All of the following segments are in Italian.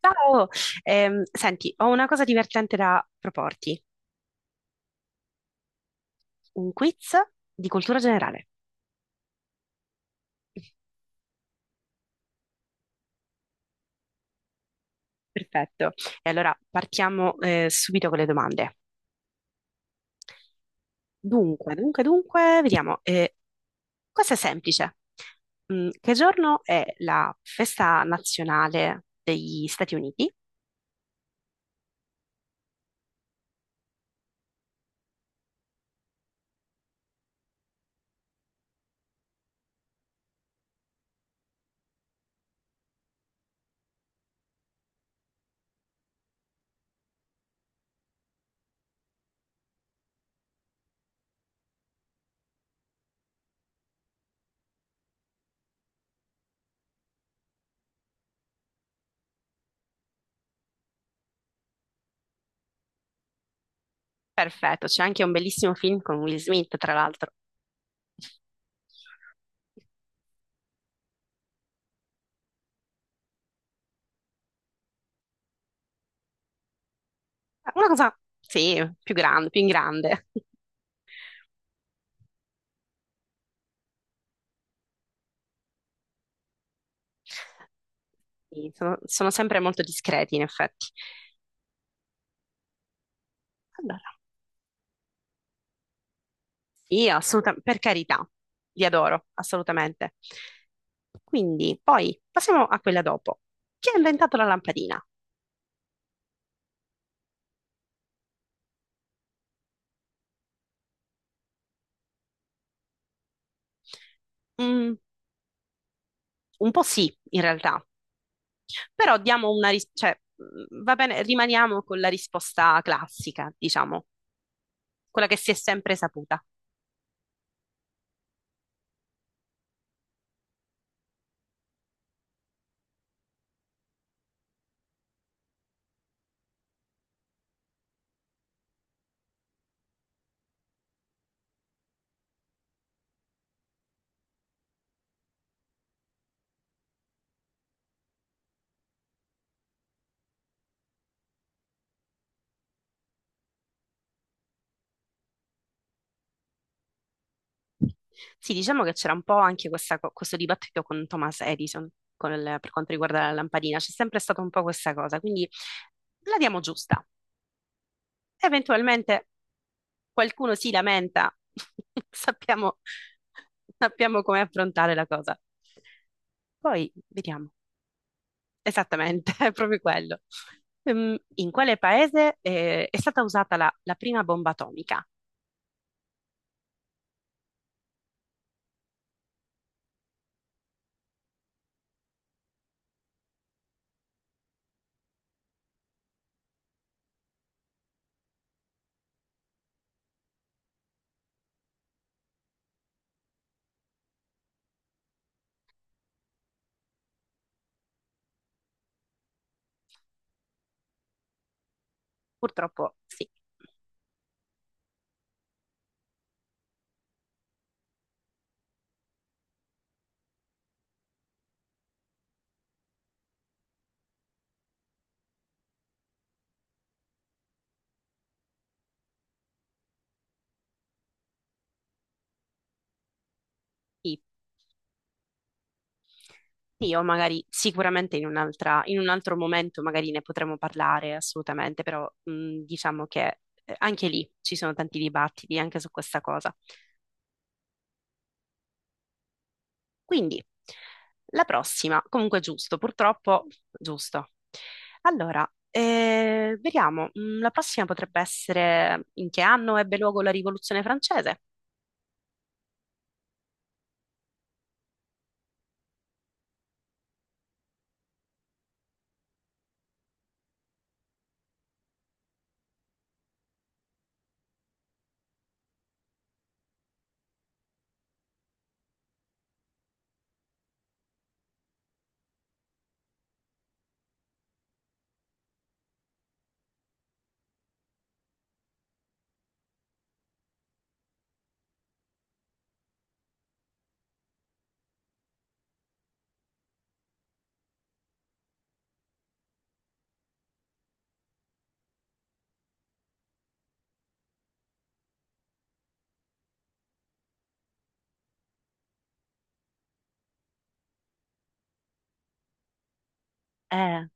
Ciao! Senti, ho una cosa divertente da proporti, un quiz di cultura generale. Perfetto. E allora partiamo subito con le domande. Dunque, vediamo. Questa è semplice. Mm, che giorno è la festa nazionale degli Stati Uniti? Perfetto, c'è anche un bellissimo film con Will Smith, tra l'altro. Una cosa, sì, più grande, più in grande. Sì, sono sempre molto discreti, in effetti. Allora, io assolutamente, per carità, li adoro, assolutamente. Quindi, poi passiamo a quella dopo. Chi ha inventato la lampadina? Mm, un po' sì, in realtà, però cioè, va bene, rimaniamo con la risposta classica, diciamo, quella che si è sempre saputa. Sì, diciamo che c'era un po' anche questo dibattito con Thomas Edison per quanto riguarda la lampadina, c'è sempre stata un po' questa cosa, quindi la diamo giusta. Eventualmente qualcuno si lamenta, sappiamo, sappiamo come affrontare la cosa. Poi vediamo. Esattamente, è proprio quello. In quale paese è stata usata la prima bomba atomica? Purtroppo sì. Sì, sì, o magari sicuramente in un altro momento magari ne potremo parlare assolutamente, però diciamo che anche lì ci sono tanti dibattiti anche su questa cosa. Quindi, la prossima, comunque giusto, purtroppo giusto. Allora, vediamo, la prossima potrebbe essere: in che anno ebbe luogo la Rivoluzione francese? Eh,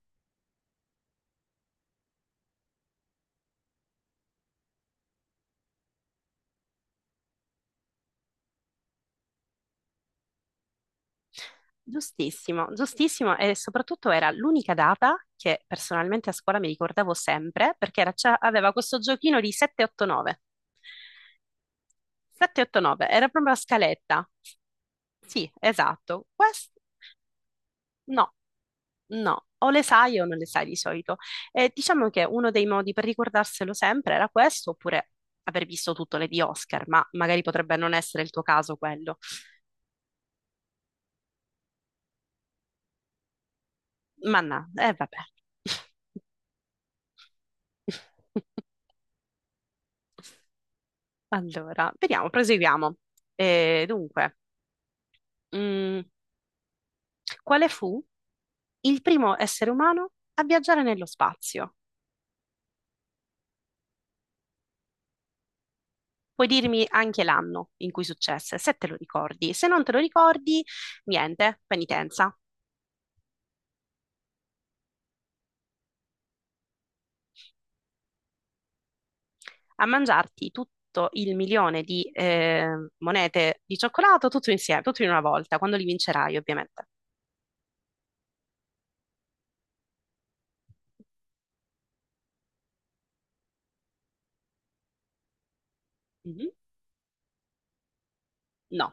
Giustissimo, giustissimo, e soprattutto era l'unica data che personalmente a scuola mi ricordavo sempre perché aveva questo giochino di 789. 789 era proprio la scaletta. Sì, esatto. Questo no, no, o le sai o non le sai di solito. E diciamo che uno dei modi per ricordarselo sempre era questo, oppure aver visto tutto le di Oscar, ma magari potrebbe non essere il tuo caso quello. Ma no, eh vabbè. Allora, vediamo, proseguiamo. Eh, dunque, mm, quale fu il primo essere umano a viaggiare nello spazio? Puoi dirmi anche l'anno in cui successe, se te lo ricordi. Se non te lo ricordi, niente, penitenza. A mangiarti tutto il milione di monete di cioccolato, tutto insieme, tutto in una volta, quando li vincerai, ovviamente. Mhm. No.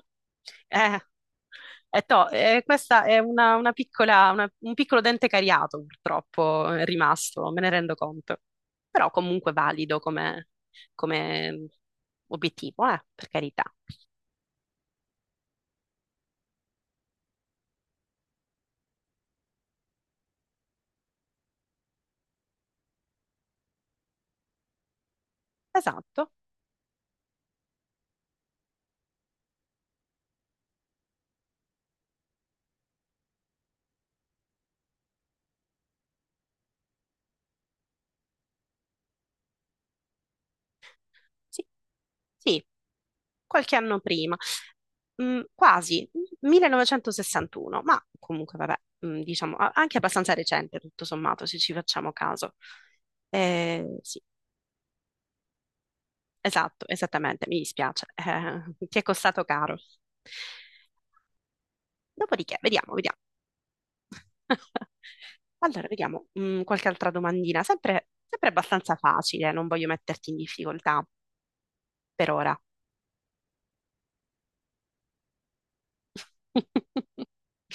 Eh, questa è una piccola, un piccolo dente cariato, purtroppo, è rimasto, me ne rendo conto. Però comunque valido come, come obiettivo, per carità. Esatto, sì, sì, qualche anno prima. Mm, quasi, 1961, ma comunque vabbè, diciamo, anche abbastanza recente, tutto sommato, se ci facciamo caso. Eh, sì, Esatto, esattamente, mi dispiace. Ti è costato caro. Dopodiché, vediamo, vediamo. Allora, vediamo, qualche altra domandina, sempre, sempre abbastanza facile, non voglio metterti in difficoltà per ora.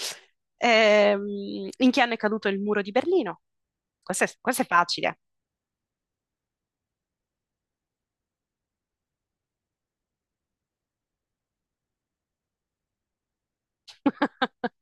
In che anno è caduto il muro di Berlino? Questo è facile.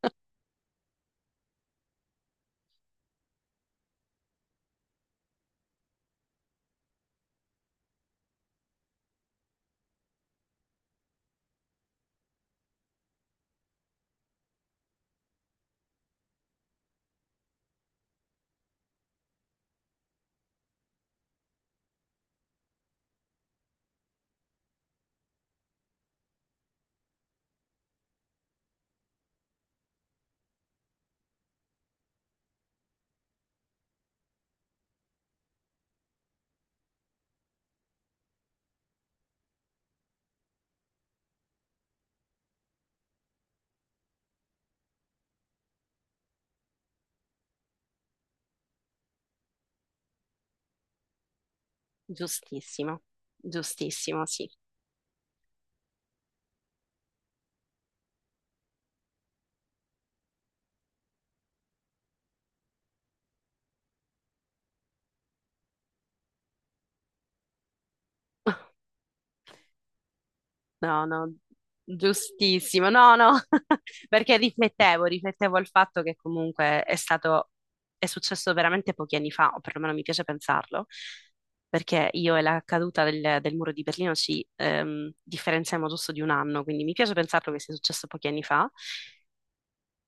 Giustissimo, giustissimo, sì. No, no, giustissimo, no, no, perché riflettevo al fatto che comunque è stato, è successo veramente pochi anni fa, o perlomeno mi piace pensarlo, perché io e la caduta del muro di Berlino ci differenziamo giusto di un anno, quindi mi piace pensarlo che sia successo pochi anni fa,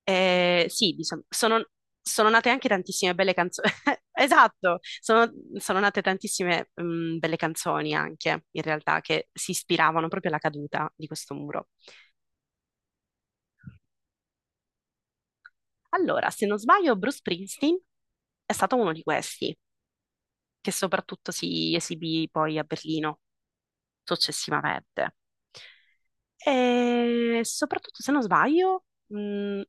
sì, diciamo, sono nate anche tantissime belle canzoni. Esatto, sono nate tantissime belle canzoni anche, in realtà, che si ispiravano proprio alla caduta di questo muro. Allora, se non sbaglio, Bruce Springsteen è stato uno di questi, che soprattutto si esibì poi a Berlino successivamente. E soprattutto, se non sbaglio,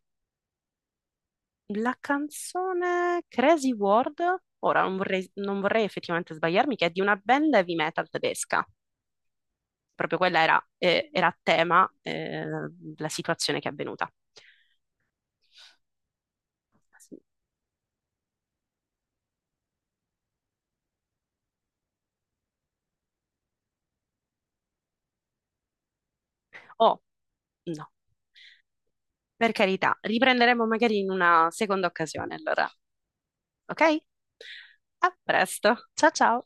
la canzone Crazy World, ora non vorrei, non vorrei effettivamente sbagliarmi, che è di una band heavy metal tedesca. Proprio quella era, era a tema, la situazione che è avvenuta. Oh, no, per carità, riprenderemo magari in una seconda occasione, allora, ok? A presto, ciao ciao!